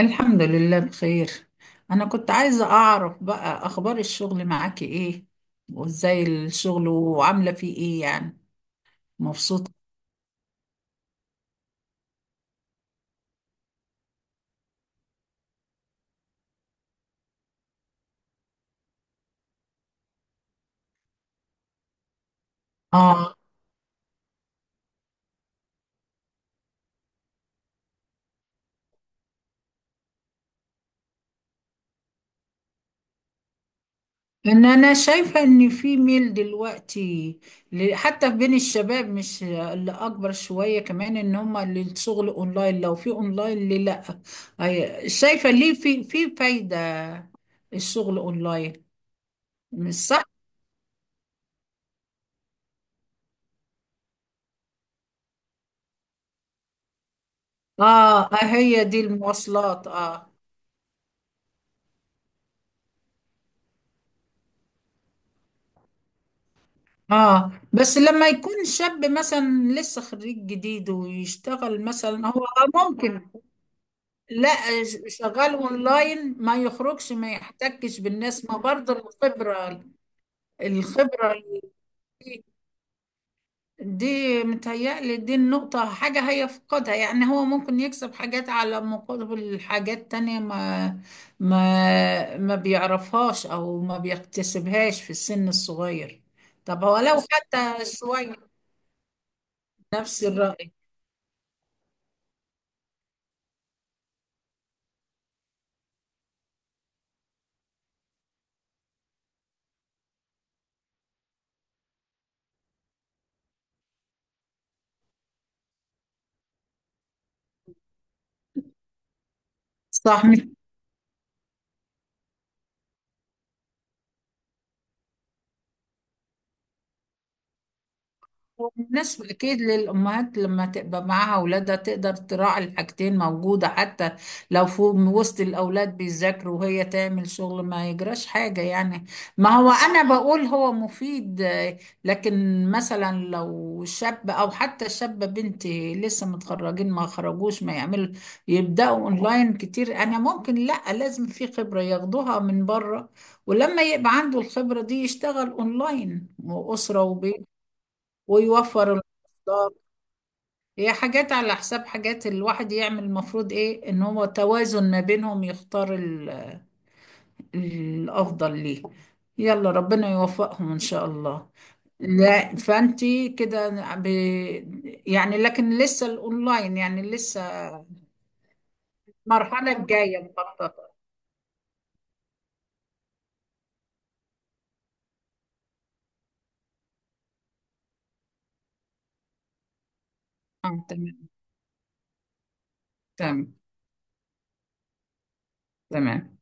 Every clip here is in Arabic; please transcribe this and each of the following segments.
الحمد لله بخير. أنا كنت عايزة أعرف بقى أخبار الشغل معاكي إيه، وإزاي الشغل وعاملة فيه إيه يعني. مبسوطة. آه. إن أنا شايفة إن في ميل دلوقتي حتى بين الشباب، مش اللي أكبر شوية كمان، إن هما للشغل أونلاين، لو في أونلاين ليه لأ. شايفة ليه في فايدة الشغل أونلاين، مش صح؟ آه آه، هي دي المواصلات، آه. اه، بس لما يكون شاب مثلا لسه خريج جديد ويشتغل مثلا هو ممكن. لا. شغال اونلاين، ما يخرجش، ما يحتكش بالناس، ما برضه الخبرة. الخبرة دي, دي متهيألي دي النقطة، حاجة هيفقدها، يعني هو ممكن يكسب حاجات على مقابل حاجات تانية ما بيعرفهاش او ما بيكتسبهاش في السن الصغير. طب هو لو حتى شوية. نفس الرأي. صح. مش مناسب اكيد للامهات، لما تبقى معاها اولادها تقدر تراعي الحاجتين، موجوده حتى لو فوق وسط الاولاد بيذاكروا وهي تعمل شغل ما يجراش حاجه يعني. ما هو انا بقول هو مفيد، لكن مثلا لو شاب او حتى شابه بنتي لسه متخرجين ما خرجوش ما يعملوا يبداوا اونلاين كتير، انا ممكن لا، لازم في خبره ياخدوها من بره. ولما يبقى عنده الخبرة دي يشتغل اونلاين وأسرة وبيت، ويوفر المصدر. هي حاجات على حساب حاجات، الواحد يعمل المفروض ايه ان هو توازن ما بينهم، يختار الافضل ليه. يلا، ربنا يوفقهم ان شاء الله. لا، فانتي كده ب... يعني، لكن لسه الاونلاين يعني لسه. المرحلة الجاية مخططة. اه، تمام. تمام. تمام.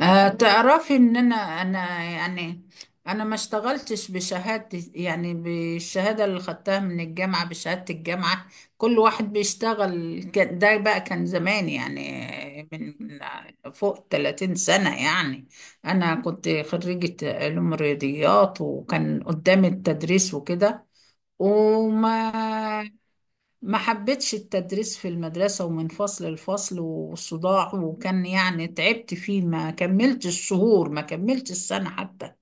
تعرفي ان انا يعني انا ما اشتغلتش بشهادة، يعني بالشهادة اللي خدتها من الجامعة، بشهادة الجامعة. كل واحد بيشتغل ده بقى كان زمان، يعني من فوق 30 سنة يعني. انا كنت خريجة علوم رياضيات، وكان قدامي التدريس وكده. وما ما حبيتش التدريس في المدرسة، ومن فصل لفصل والصداع، وكان يعني تعبت فيه، ما كملتش الشهور، ما كملتش السنة حتى.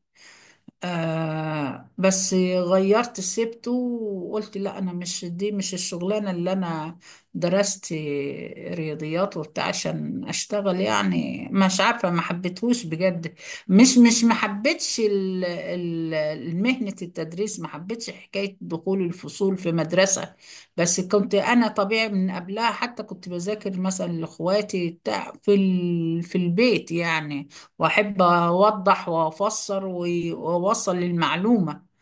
بس غيرت سبته، وقلت لا، انا مش دي، مش الشغلانه اللي انا درست رياضيات وبتاع عشان اشتغل، يعني مش عارفه ما حبيتهوش بجد. مش ما حبيتش مهنه التدريس، ما حبيتش حكايه دخول الفصول في مدرسه. بس كنت انا طبيعي من قبلها حتى كنت بذاكر مثلا لاخواتي بتاع في البيت يعني، واحب اوضح وافسر واوصل للمعلومة.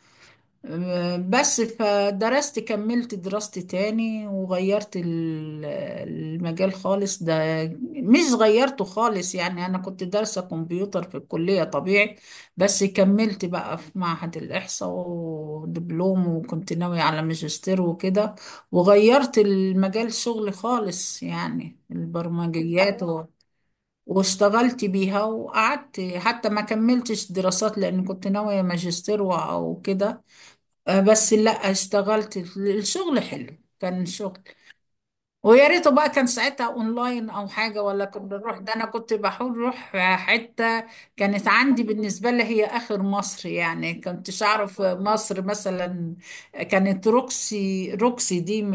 بس فدرست كملت دراستي تاني، وغيرت المجال خالص ده. مش غيرته خالص، يعني انا كنت دارسة كمبيوتر في الكلية طبيعي، بس كملت بقى في معهد الإحصاء ودبلوم، وكنت ناوية على ماجستير وكده، وغيرت المجال شغلي خالص، يعني البرمجيات، واشتغلت بيها. وقعدت حتى ما كملتش دراسات، لأن كنت ناوية ماجستير أو كده. بس لا، اشتغلت الشغل حلو، كان شغل. ويا ريته بقى كان ساعتها اونلاين او حاجه، ولا كنا نروح. ده انا كنت بحاول اروح حته كانت عندي بالنسبه لي هي اخر مصر، يعني كنتش اعرف مصر مثلا. كانت روكسي، روكسي دي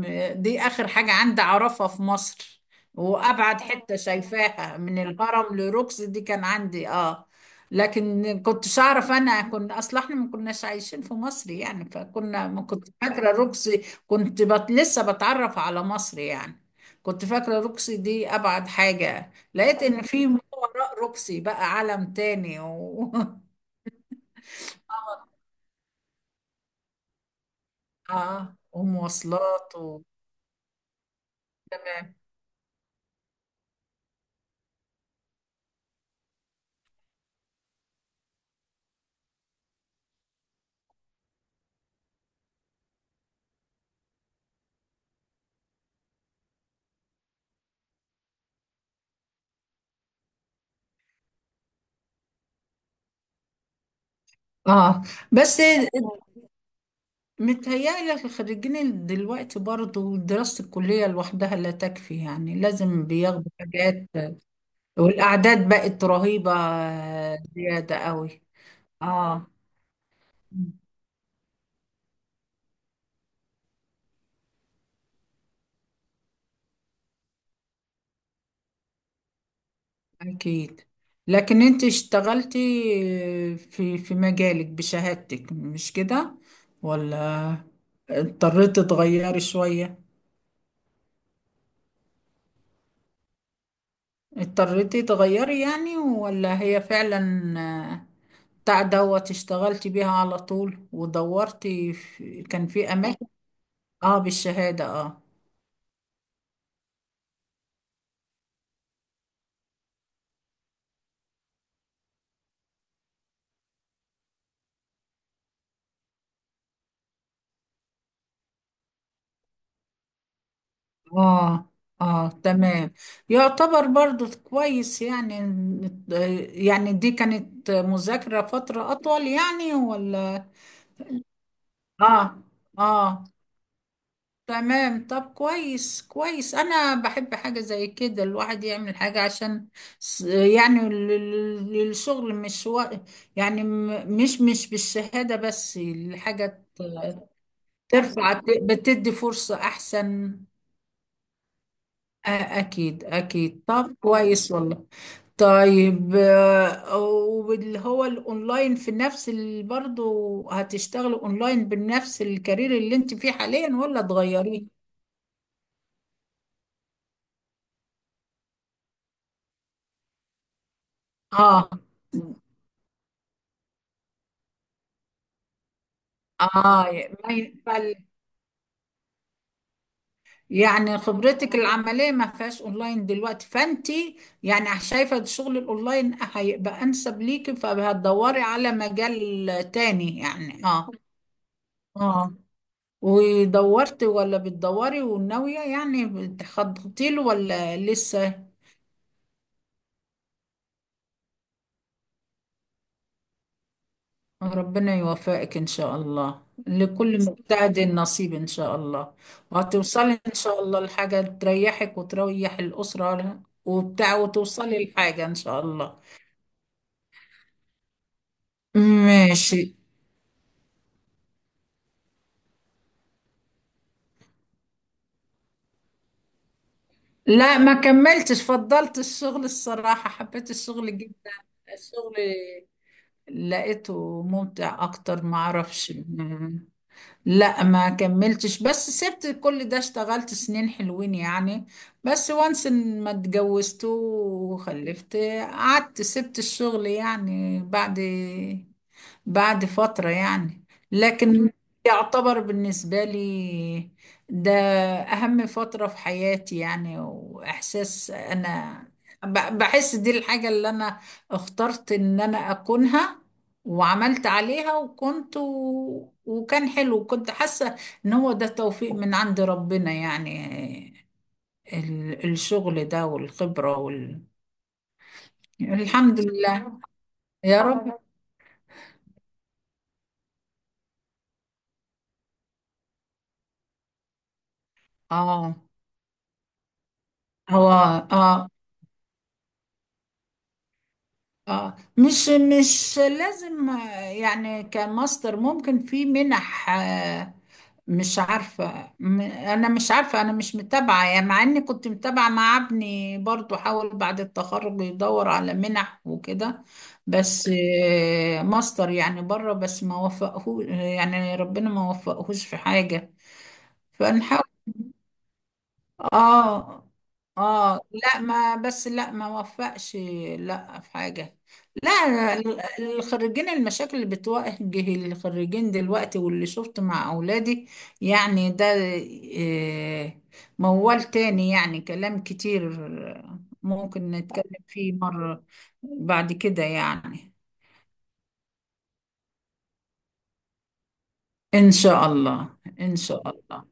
م... دي اخر حاجه عندي اعرفها في مصر. وابعد حته شايفاها من الهرم لروكسي، دي كان عندي اه. لكن كنتش اعرف، انا كنا اصلا احنا ما كناش عايشين في مصر يعني، فكنا ما كنت فاكره روكسي. كنت لسه بتعرف على مصر يعني. كنت فاكرة روكسي دي أبعد حاجة، لقيت إن في ما وراء روكسي بقى عالم تاني آه، ومواصلات آه بس متهيألي الخريجين دلوقتي برضو دراسة الكلية لوحدها لا تكفي، يعني لازم بياخدوا حاجات، والأعداد بقت رهيبة، زيادة قوي. آه، أكيد. لكن أنت اشتغلتي، في مجالك بشهادتك، مش كده؟ ولا اضطريتي تغيري شوية، اضطريتي تغيري يعني، ولا هي فعلا آه، بتاع دوت اشتغلتي بيها على طول، ودورتي في كان في أماكن. اه، بالشهادة. اه. اه، اه، تمام. يعتبر برضو كويس يعني يعني دي كانت مذاكرة فترة أطول يعني، ولا. اه، اه، تمام. طب كويس كويس. أنا بحب حاجة زي كده، الواحد يعمل حاجة عشان يعني الشغل مش يعني مش بالشهادة بس، الحاجة ترفع، بتدي فرصة أحسن. آه، أكيد أكيد. طب كويس والله. طيب، واللي هو الاونلاين في نفس برضه، هتشتغلي اونلاين بنفس الكارير اللي انت فيه حاليا، ولا تغيريه؟ اه، اه، ما ينفع- يعني خبرتك العمليه ما فيهاش اونلاين دلوقتي، فانت يعني شايفه الشغل الاونلاين هيبقى انسب ليكي، فهتدوري على مجال تاني يعني. اه. اه، ودورتي ولا بتدوري وناويه يعني، بتخططي له ولا لسه؟ ربنا يوفقك إن شاء الله، لكل مجتهد نصيب إن شاء الله. وهتوصلي إن شاء الله لحاجة تريحك وتريح الأسرة وبتاع، وتوصلي لحاجة إن شاء الله. ماشي. لا، ما كملتش، فضلت الشغل. الصراحة حبيت الشغل جدا، الشغل لقيته ممتع أكتر ما أعرفش. لا ما كملتش، بس سبت كل ده. اشتغلت سنين حلوين يعني، بس وانس إن ما اتجوزت وخلفت، قعدت سبت الشغل يعني بعد فترة يعني. لكن يعتبر بالنسبة لي ده أهم فترة في حياتي، يعني وإحساس أنا بحس دي الحاجة اللي أنا اخترت إن أنا أكونها، وعملت عليها، وكنت وكان حلو، وكنت حاسة إن هو ده توفيق من عند ربنا يعني، الشغل ده، والخبرة الحمد لله. يا رب. آه. هو. آه. اه، مش لازم، يعني كماستر ممكن في منح. مش عارفة أنا مش عارفة أنا مش متابعة، يعني مع إني كنت متابعة مع ابني برضو، حاول بعد التخرج يدور على منح وكده، بس، ماستر يعني بره بس، ما وفقهوش يعني، ربنا ما وفقهوش في حاجة. اه. اه، لا ما، بس لا ما وفقش، لا في حاجة. لا، الخريجين، المشاكل اللي بتواجه الخريجين دلوقتي واللي شفت مع أولادي يعني، ده آه، موال تاني، يعني كلام كتير ممكن نتكلم فيه مرة بعد كده يعني. إن شاء الله إن شاء الله.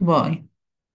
باي.